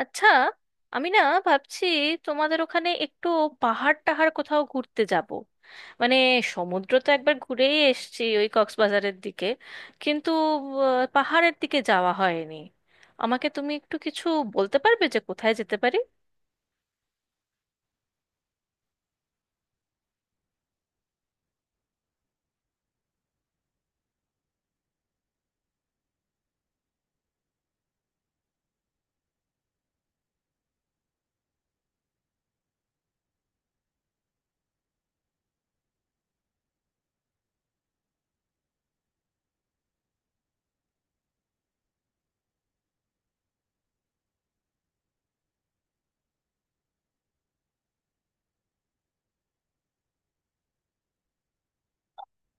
আচ্ছা, আমি না ভাবছি তোমাদের ওখানে একটু পাহাড় টাহাড় কোথাও ঘুরতে যাব। মানে সমুদ্র তো একবার ঘুরেই এসেছি ওই কক্সবাজারের দিকে, কিন্তু পাহাড়ের দিকে যাওয়া হয়নি। আমাকে তুমি একটু কিছু বলতে পারবে যে কোথায় যেতে পারি?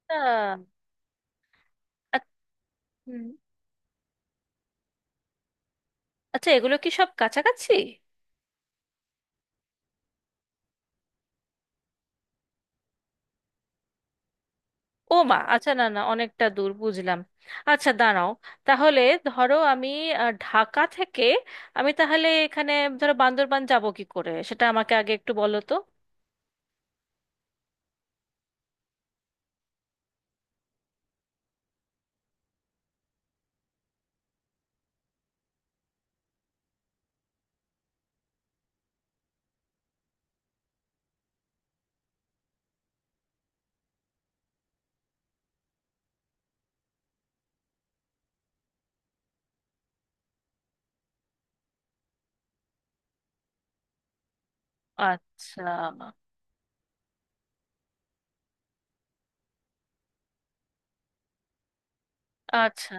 আহ, আ- হুম। আচ্ছা, এগুলো কি সব কাছাকাছি? ও মা, আচ্ছা, না না, অনেকটা দূর, বুঝলাম। আচ্ছা, দাঁড়াও, তাহলে ধরো আমি ঢাকা থেকে আমি তাহলে, এখানে ধরো, বান্দরবান যাব কি করে, সেটা আমাকে আগে একটু বলো তো। আচ্ছা। আচ্ছা,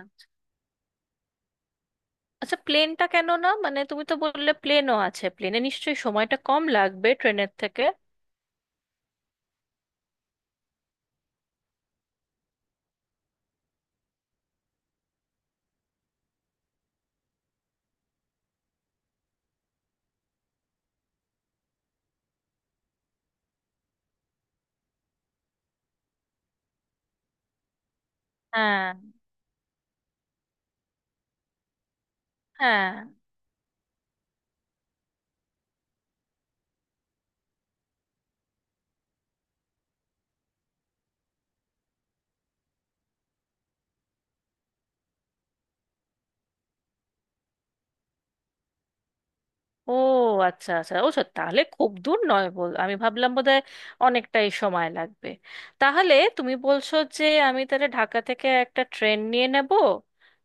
আচ্ছা, প্লেনটা কেন না? মানে তুমি তো বললে প্লেনও আছে, প্লেনে নিশ্চয়ই সময়টা কম লাগবে ট্রেনের থেকে। হ্যাঁ, হ্যাঁ। ও আচ্ছা, আচ্ছা, ও সত্যি, তাহলে খুব দূর নয় বল। আমি ভাবলাম বোধহয় অনেকটাই সময় লাগবে। তাহলে তুমি বলছো যে আমি তাহলে ঢাকা থেকে একটা ট্রেন নিয়ে নেব,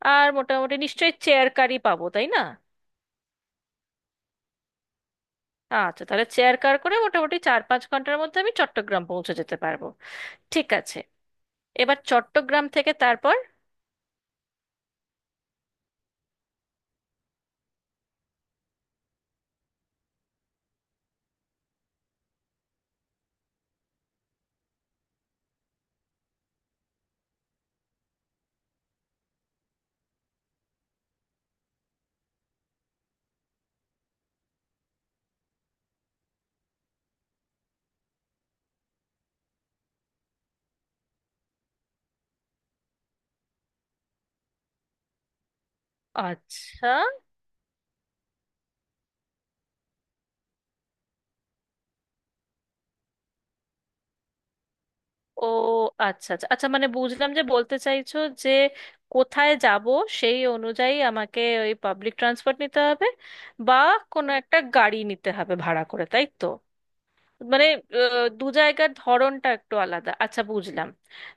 আর মোটামুটি নিশ্চয়ই চেয়ার কারই পাবো, তাই না? আচ্ছা, তাহলে চেয়ার কার করে মোটামুটি চার পাঁচ ঘন্টার মধ্যে আমি চট্টগ্রাম পৌঁছে যেতে পারবো। ঠিক আছে, এবার চট্টগ্রাম থেকে তারপর? আচ্ছা। ও আচ্ছা, আচ্ছা, আচ্ছা, মানে বুঝলাম, যে বলতে চাইছো যে কোথায় যাব সেই অনুযায়ী আমাকে ওই পাবলিক ট্রান্সপোর্ট নিতে হবে, বা কোনো একটা গাড়ি নিতে হবে ভাড়া করে, তাই তো? মানে দু জায়গার ধরনটা একটু আলাদা। আচ্ছা, বুঝলাম।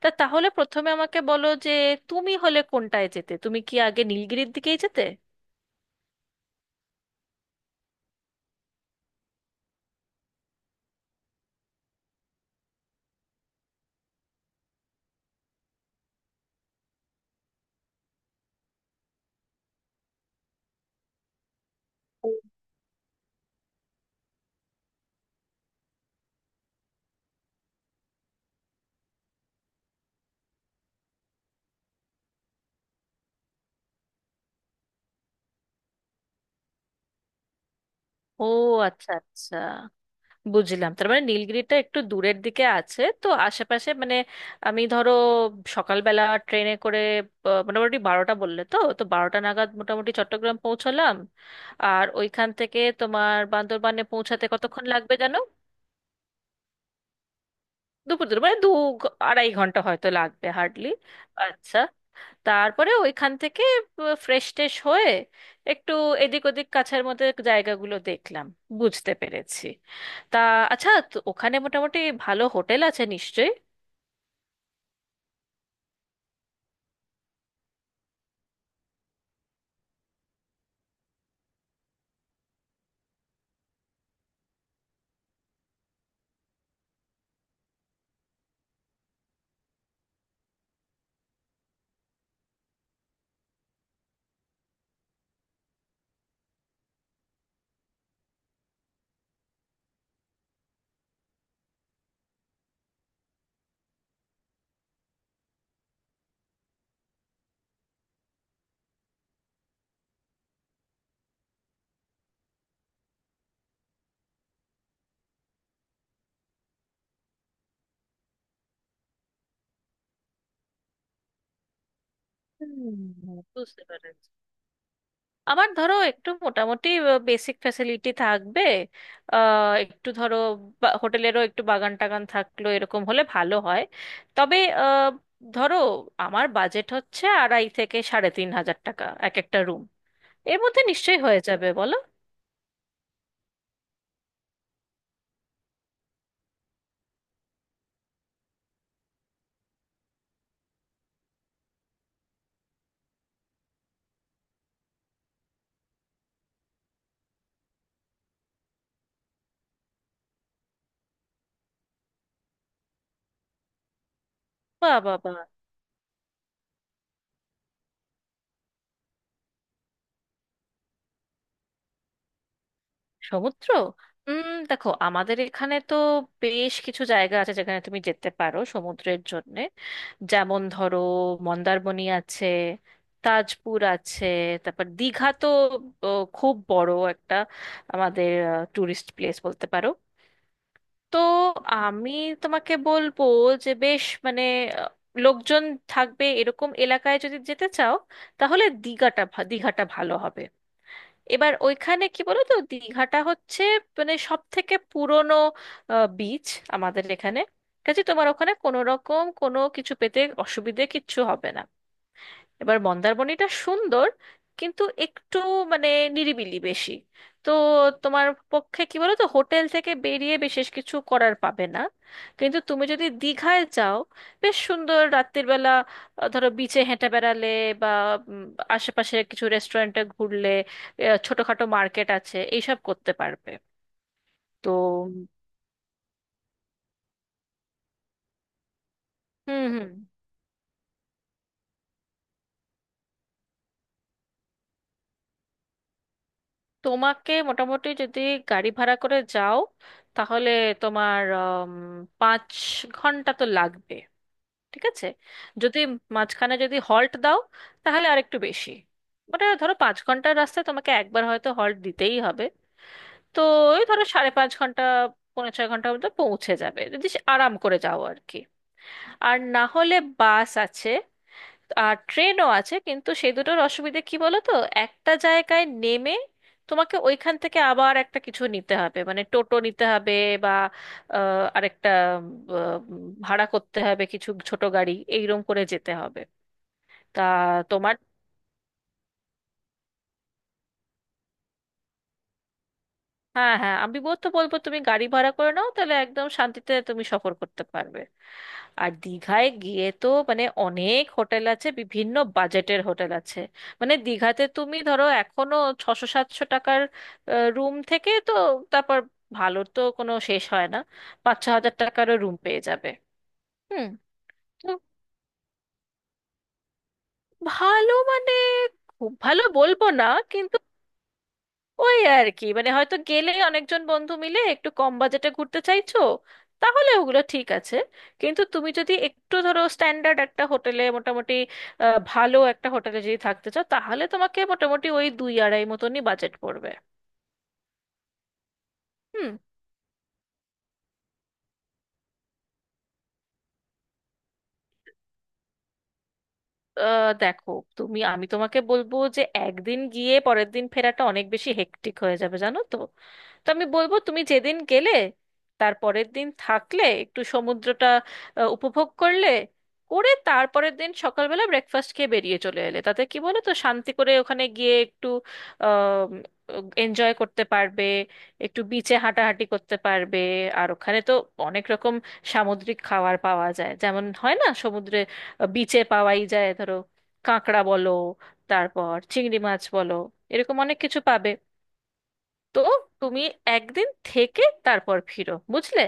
তা তাহলে প্রথমে আমাকে বলো যে তুমি হলে কোনটায় যেতে? তুমি কি আগে নীলগিরির দিকেই যেতে? ও। ও, আচ্ছা, আচ্ছা, বুঝলাম। তার মানে নীলগিরিটা একটু দূরের দিকে আছে, তো আশেপাশে মানে, আমি ধরো সকালবেলা ট্রেনে করে, মোটামুটি 12টা বললে, তো তো বারোটা নাগাদ মোটামুটি চট্টগ্রাম পৌঁছলাম। আর ওইখান থেকে তোমার বান্দরবানে পৌঁছাতে কতক্ষণ লাগবে, জানো? দুপুর দুপুর মানে দু আড়াই ঘন্টা হয়তো লাগবে হার্ডলি। আচ্ছা, তারপরে ওইখান থেকে ফ্রেশ ট্রেশ হয়ে একটু এদিক ওদিক কাছের মধ্যে জায়গাগুলো দেখলাম, বুঝতে পেরেছি। তা, আচ্ছা, তো ওখানে মোটামুটি ভালো হোটেল আছে নিশ্চয়ই? হুম, বুঝতে পেরেছি। আমার ধরো একটু মোটামুটি বেসিক ফ্যাসিলিটি থাকবে, একটু ধরো হোটেলেরও একটু বাগান টাগান থাকলো, এরকম হলে ভালো হয়। তবে আহ, ধরো আমার বাজেট হচ্ছে আড়াই থেকে 3,500 টাকা এক একটা রুম, এর মধ্যে নিশ্চয়ই হয়ে যাবে, বলো? বা, বা, বা। সমুদ্র? দেখো, আমাদের এখানে তো বেশ কিছু জায়গা আছে যেখানে তুমি যেতে পারো সমুদ্রের জন্যে। যেমন ধরো মন্দারমণি আছে, তাজপুর আছে, তারপর দীঘা তো, ও, খুব বড় একটা আমাদের টুরিস্ট প্লেস বলতে পারো। তো আমি তোমাকে বলবো যে বেশ, মানে আহ, লোকজন থাকবে এরকম এলাকায় যদি যেতে চাও, তাহলে দীঘাটা দীঘাটা ভালো হবে। এবার ওইখানে কি বলো তো, দীঘাটা হচ্ছে মানে সব থেকে পুরনো বিচ আমাদের এখানে। ঠিক আছে, তোমার ওখানে কোনো রকম কোনো কিছু পেতে অসুবিধে কিচ্ছু হবে না। এবার মন্দারমণিটা সুন্দর, কিন্তু একটু মানে নিরিবিলি বেশি। তো তোমার পক্ষে কি বলো তো, হোটেল থেকে বেরিয়ে বিশেষ কিছু করার পাবে না। কিন্তু তুমি যদি দীঘায় যাও, বেশ সুন্দর রাত্রির বেলা ধরো বিচে হেঁটে বেড়ালে, বা উম, আশেপাশে কিছু রেস্টুরেন্টে ঘুরলে, ছোটখাটো মার্কেট আছে, এইসব করতে পারবে। তো। হুম, হুম। তোমাকে মোটামুটি যদি গাড়ি ভাড়া করে যাও তাহলে তোমার 5 ঘন্টা তো লাগবে। ঠিক আছে, যদি মাঝখানে যদি হল্ট দাও তাহলে আর একটু বেশি। ওটা ধরো 5 ঘন্টার রাস্তায় তোমাকে একবার হয়তো হল্ট দিতেই হবে। তো ওই ধরো সাড়ে পাঁচ ঘন্টা, পৌনে ছয় ঘন্টার মধ্যে পৌঁছে যাবে যদি সে আরাম করে যাও আর কি। আর না হলে বাস আছে, আর ট্রেনও আছে, কিন্তু সেই দুটোর অসুবিধে কি বলো তো, একটা জায়গায় নেমে তোমাকে ওইখান থেকে আবার একটা কিছু নিতে হবে, মানে টোটো নিতে হবে, বা আরেকটা ভাড়া করতে হবে কিছু ছোট গাড়ি, এইরকম করে যেতে হবে। তা তোমার, হ্যাঁ, হ্যাঁ, আমি তো বলবো তুমি গাড়ি ভাড়া করে নাও, তাহলে একদম শান্তিতে তুমি সফর করতে পারবে। আর দীঘায় গিয়ে তো মানে অনেক হোটেল আছে, বিভিন্ন বাজেটের হোটেল আছে। মানে দীঘাতে তুমি ধরো এখনো ছশো সাতশো টাকার রুম থেকে, তো তারপর, ভালোর তো কোনো শেষ হয় না, পাঁচ ছ হাজার টাকারও রুম পেয়ে যাবে। হুম। তো ভালো মানে খুব ভালো বলবো না, কিন্তু ওই আর কি, মানে হয়তো গেলে অনেকজন বন্ধু মিলে একটু কম বাজেটে ঘুরতে চাইছো, তাহলে ওগুলো ঠিক আছে। কিন্তু তুমি যদি একটু ধরো স্ট্যান্ডার্ড একটা হোটেলে মোটামুটি ভালো একটা হোটেলে যদি থাকতে চাও, তাহলে তোমাকে মোটামুটি ওই দুই আড়াই মতনই বাজেট পড়বে। হুম, দেখো, তুমি আমি তোমাকে বলবো যে একদিন গিয়ে পরের দিন ফেরাটা অনেক বেশি হেক্টিক হয়ে যাবে, জানো তো। তো আমি বলবো তুমি যেদিন গেলে তার পরের দিন থাকলে একটু সমুদ্রটা উপভোগ করলে, করে তারপরের দিন সকালবেলা ব্রেকফাস্ট খেয়ে বেরিয়ে চলে এলে, তাতে কি বলো তো, শান্তি করে ওখানে গিয়ে একটু এনজয় করতে পারবে, একটু বিচে হাঁটাহাঁটি করতে পারবে। আর ওখানে তো অনেক রকম সামুদ্রিক খাবার পাওয়া যায়, যেমন হয় না সমুদ্রে, বিচে পাওয়াই যায় ধরো, কাঁকড়া বলো, তারপর চিংড়ি মাছ বলো, এরকম অনেক কিছু পাবে। তো তুমি একদিন থেকে তারপর ফিরো, বুঝলে।